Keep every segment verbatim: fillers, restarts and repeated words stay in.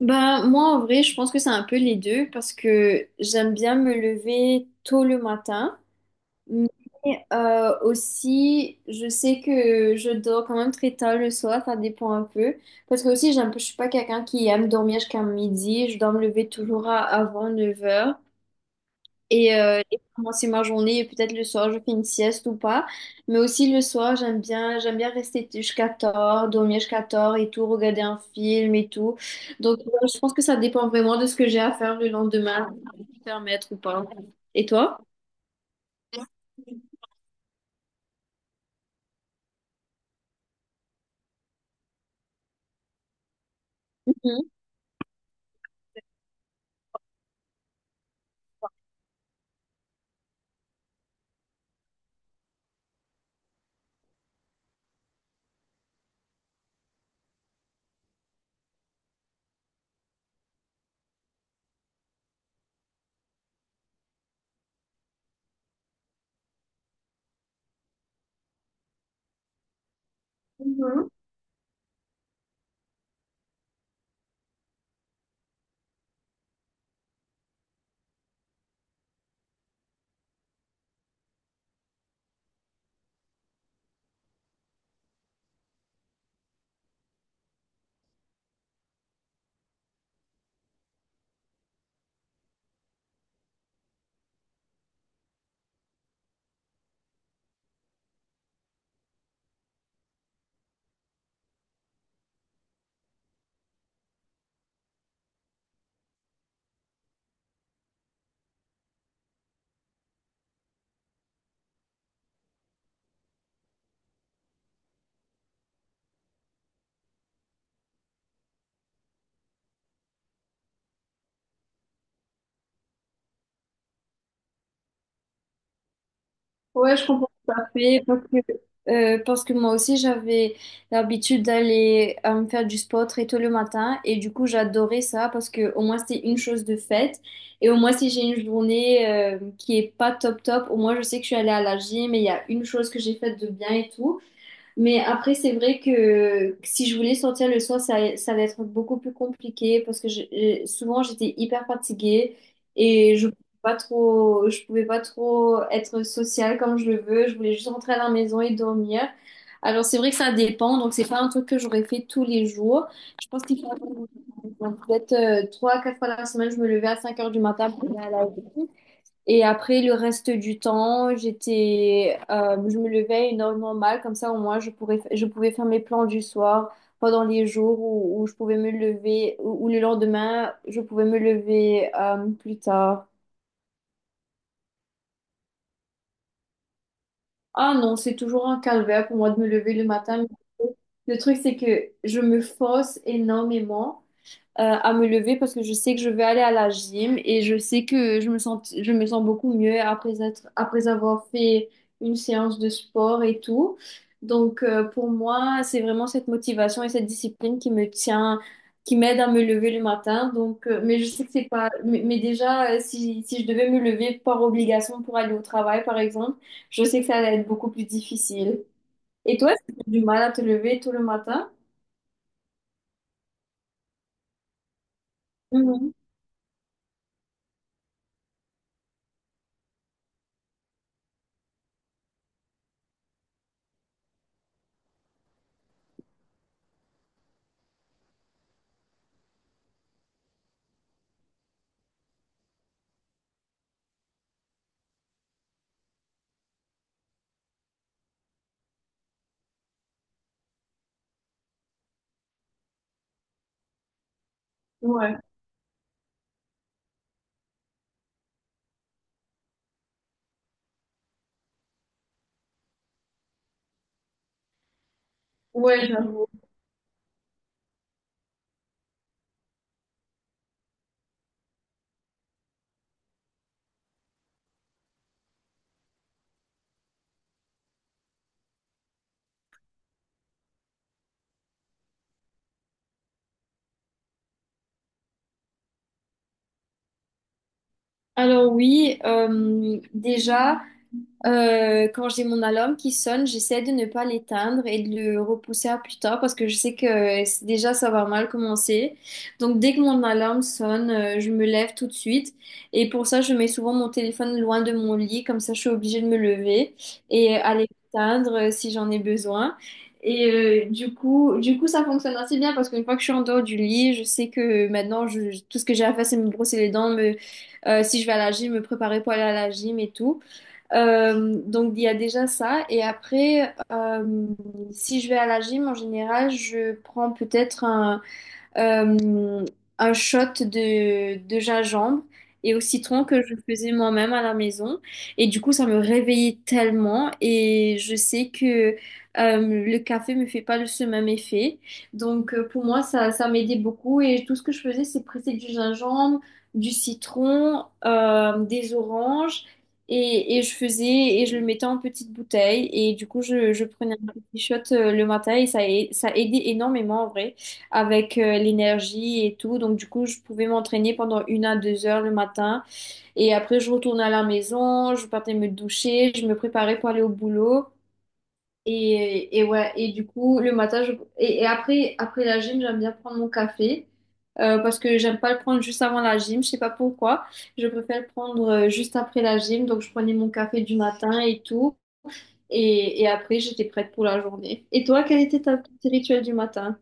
Ben, moi, en vrai, je pense que c'est un peu les deux parce que j'aime bien me lever tôt le matin, mais euh, aussi, je sais que je dors quand même très tard le soir, ça dépend un peu. Parce que aussi, j'aime je suis pas quelqu'un qui aime dormir jusqu'à midi, je dois me lever toujours à, avant neuf heures et, euh, et pour commencer ma journée. Et peut-être le soir, je fais une sieste ou pas. Mais aussi le soir, j'aime bien, j'aime bien rester jusqu'à tard, dormir jusqu'à tard et tout, regarder un film et tout. Donc, euh, je pense que ça dépend vraiment de ce que j'ai à faire le lendemain, me permettre ou pas. Et toi? Mhm. Ouais, je comprends tout à fait parce que, euh, parce que moi aussi j'avais l'habitude d'aller euh, me faire du sport très tôt le matin et du coup j'adorais ça parce que au moins c'est une chose de faite et au moins si j'ai une journée euh, qui est pas top top, au moins je sais que je suis allée à la gym et il y a une chose que j'ai faite de bien et tout. Mais après, c'est vrai que si je voulais sortir le soir, ça, ça allait être beaucoup plus compliqué parce que je- je- souvent j'étais hyper fatiguée et je pouvais pas trop, je pouvais pas trop être sociale comme je le veux. Je voulais juste rentrer à la maison et dormir. Alors c'est vrai que ça dépend, donc c'est pas un truc que j'aurais fait tous les jours. Je pense qu'il faut attendre. Donc, peut-être euh, trois à quatre fois la semaine, je me levais à cinq heures du matin pour aller à la et après, le reste du temps, j'étais, euh, je me levais énormément mal, comme ça au moins je pourrais, je pouvais faire mes plans du soir pendant les jours où, où je pouvais me lever, ou, ou le lendemain, je pouvais me lever euh, plus tard. Ah non, c'est toujours un calvaire pour moi de me lever le matin. Le truc, c'est que je me force énormément. Euh, à me lever parce que je sais que je vais aller à la gym et je sais que je me sens, je me sens beaucoup mieux après être, après avoir fait une séance de sport et tout. Donc, euh, pour moi, c'est vraiment cette motivation et cette discipline qui me tient, qui m'aide à me lever le matin. Donc, euh, mais je sais que c'est pas, mais, mais déjà, euh, si, si je devais me lever par obligation pour aller au travail, par exemple, je sais que ça allait être beaucoup plus difficile. Et toi, est-ce que tu as du mal à te lever tout le matin? Mhm. Ouais, ouais, j'avoue. Alors oui, euh, déjà. Euh, quand j'ai mon alarme qui sonne, j'essaie de ne pas l'éteindre et de le repousser à plus tard parce que je sais que euh, c'est- déjà ça va mal commencer. Donc dès que mon alarme sonne, euh, je me lève tout de suite et pour ça je mets souvent mon téléphone loin de mon lit, comme ça je suis obligée de me lever et aller l'éteindre euh, si j'en ai besoin. Et euh, du coup, du coup ça fonctionne assez bien parce qu'une fois que je suis en dehors du lit, je sais que maintenant je- tout ce que j'ai à faire c'est me brosser les dents, me, euh, si je vais à la gym, me préparer pour aller à la gym et tout. Euh, donc il y a déjà ça. Et après, euh, si je vais à la gym, en général, je prends peut-être un, euh, un shot de, de gingembre et au citron que je faisais moi-même à la maison. Et du coup, ça me réveillait tellement et je sais que euh, le café me fait pas le- ce même effet. Donc, euh, pour moi, ça, ça m'aidait beaucoup et tout ce que je faisais, c'est presser du gingembre, du citron, euh, des oranges. Et, et je faisais et je le mettais en petite bouteille et du coup je, je prenais un petit shot euh, le matin et ça, a- ça aidait énormément en vrai avec euh, l'énergie et tout. Donc, du coup, je pouvais m'entraîner pendant une à deux heures le matin. Et après, je retournais à la maison, je partais me doucher, je me préparais pour aller au boulot. Et, et ouais, et du coup, le matin, je- et, et après, après la gym, j'aime bien prendre mon café. Euh, parce que j'aime pas le prendre juste avant la gym, je sais pas pourquoi. Je préfère le prendre euh, juste après la gym, donc je prenais mon café du matin et tout. Et, et après, j'étais prête pour la journée. Et toi, quel était ta- ton petit rituel du matin?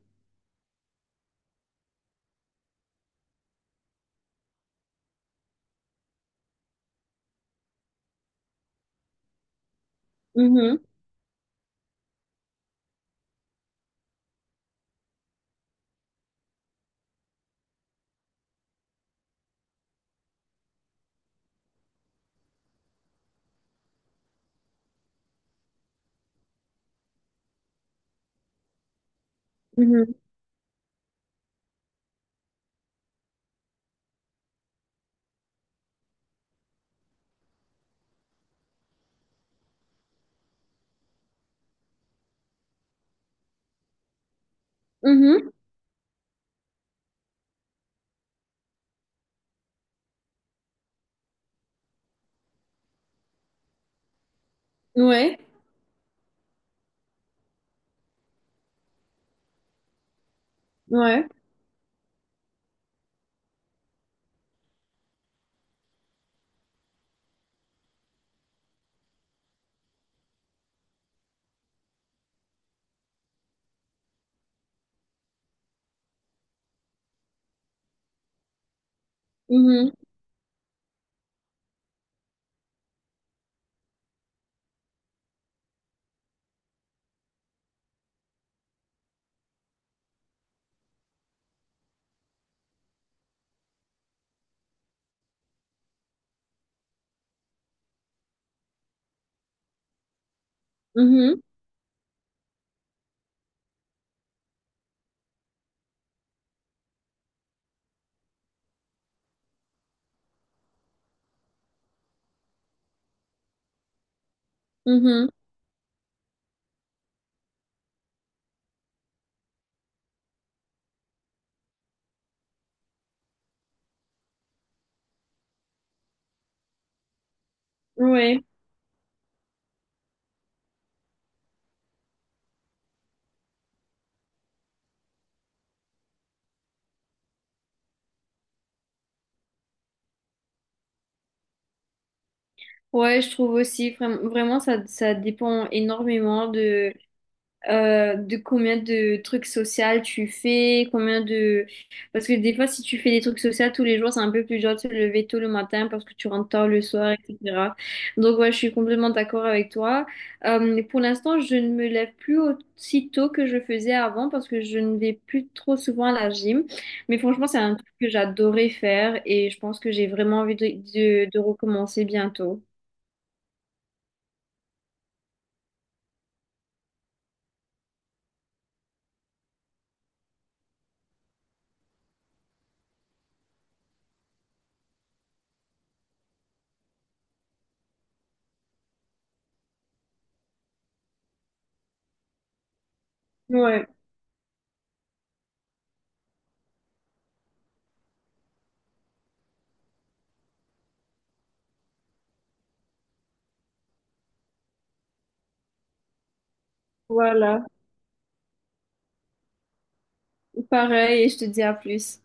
Mhm, mhm, mhm. Ouais, ouais. Mhm, mhm, mhm. Ouais, ouais, je trouve aussi vraiment, vraiment ça, ça dépend énormément de euh, de combien de trucs sociaux tu fais, combien de... Parce que des fois, si tu fais des trucs sociaux tous les jours, c'est un peu plus dur de se lever tôt le matin parce que tu rentres tard le soir, et cetera. Donc, ouais, je suis complètement d'accord avec toi. Euh, pour l'instant, je ne me lève plus aussi tôt que je faisais avant parce que je ne vais plus trop souvent à la gym. Mais franchement, c'est un truc que j'adorais faire et je pense que j'ai vraiment envie de de- de recommencer bientôt. Ouais, voilà. Pareil, et je te dis à plus.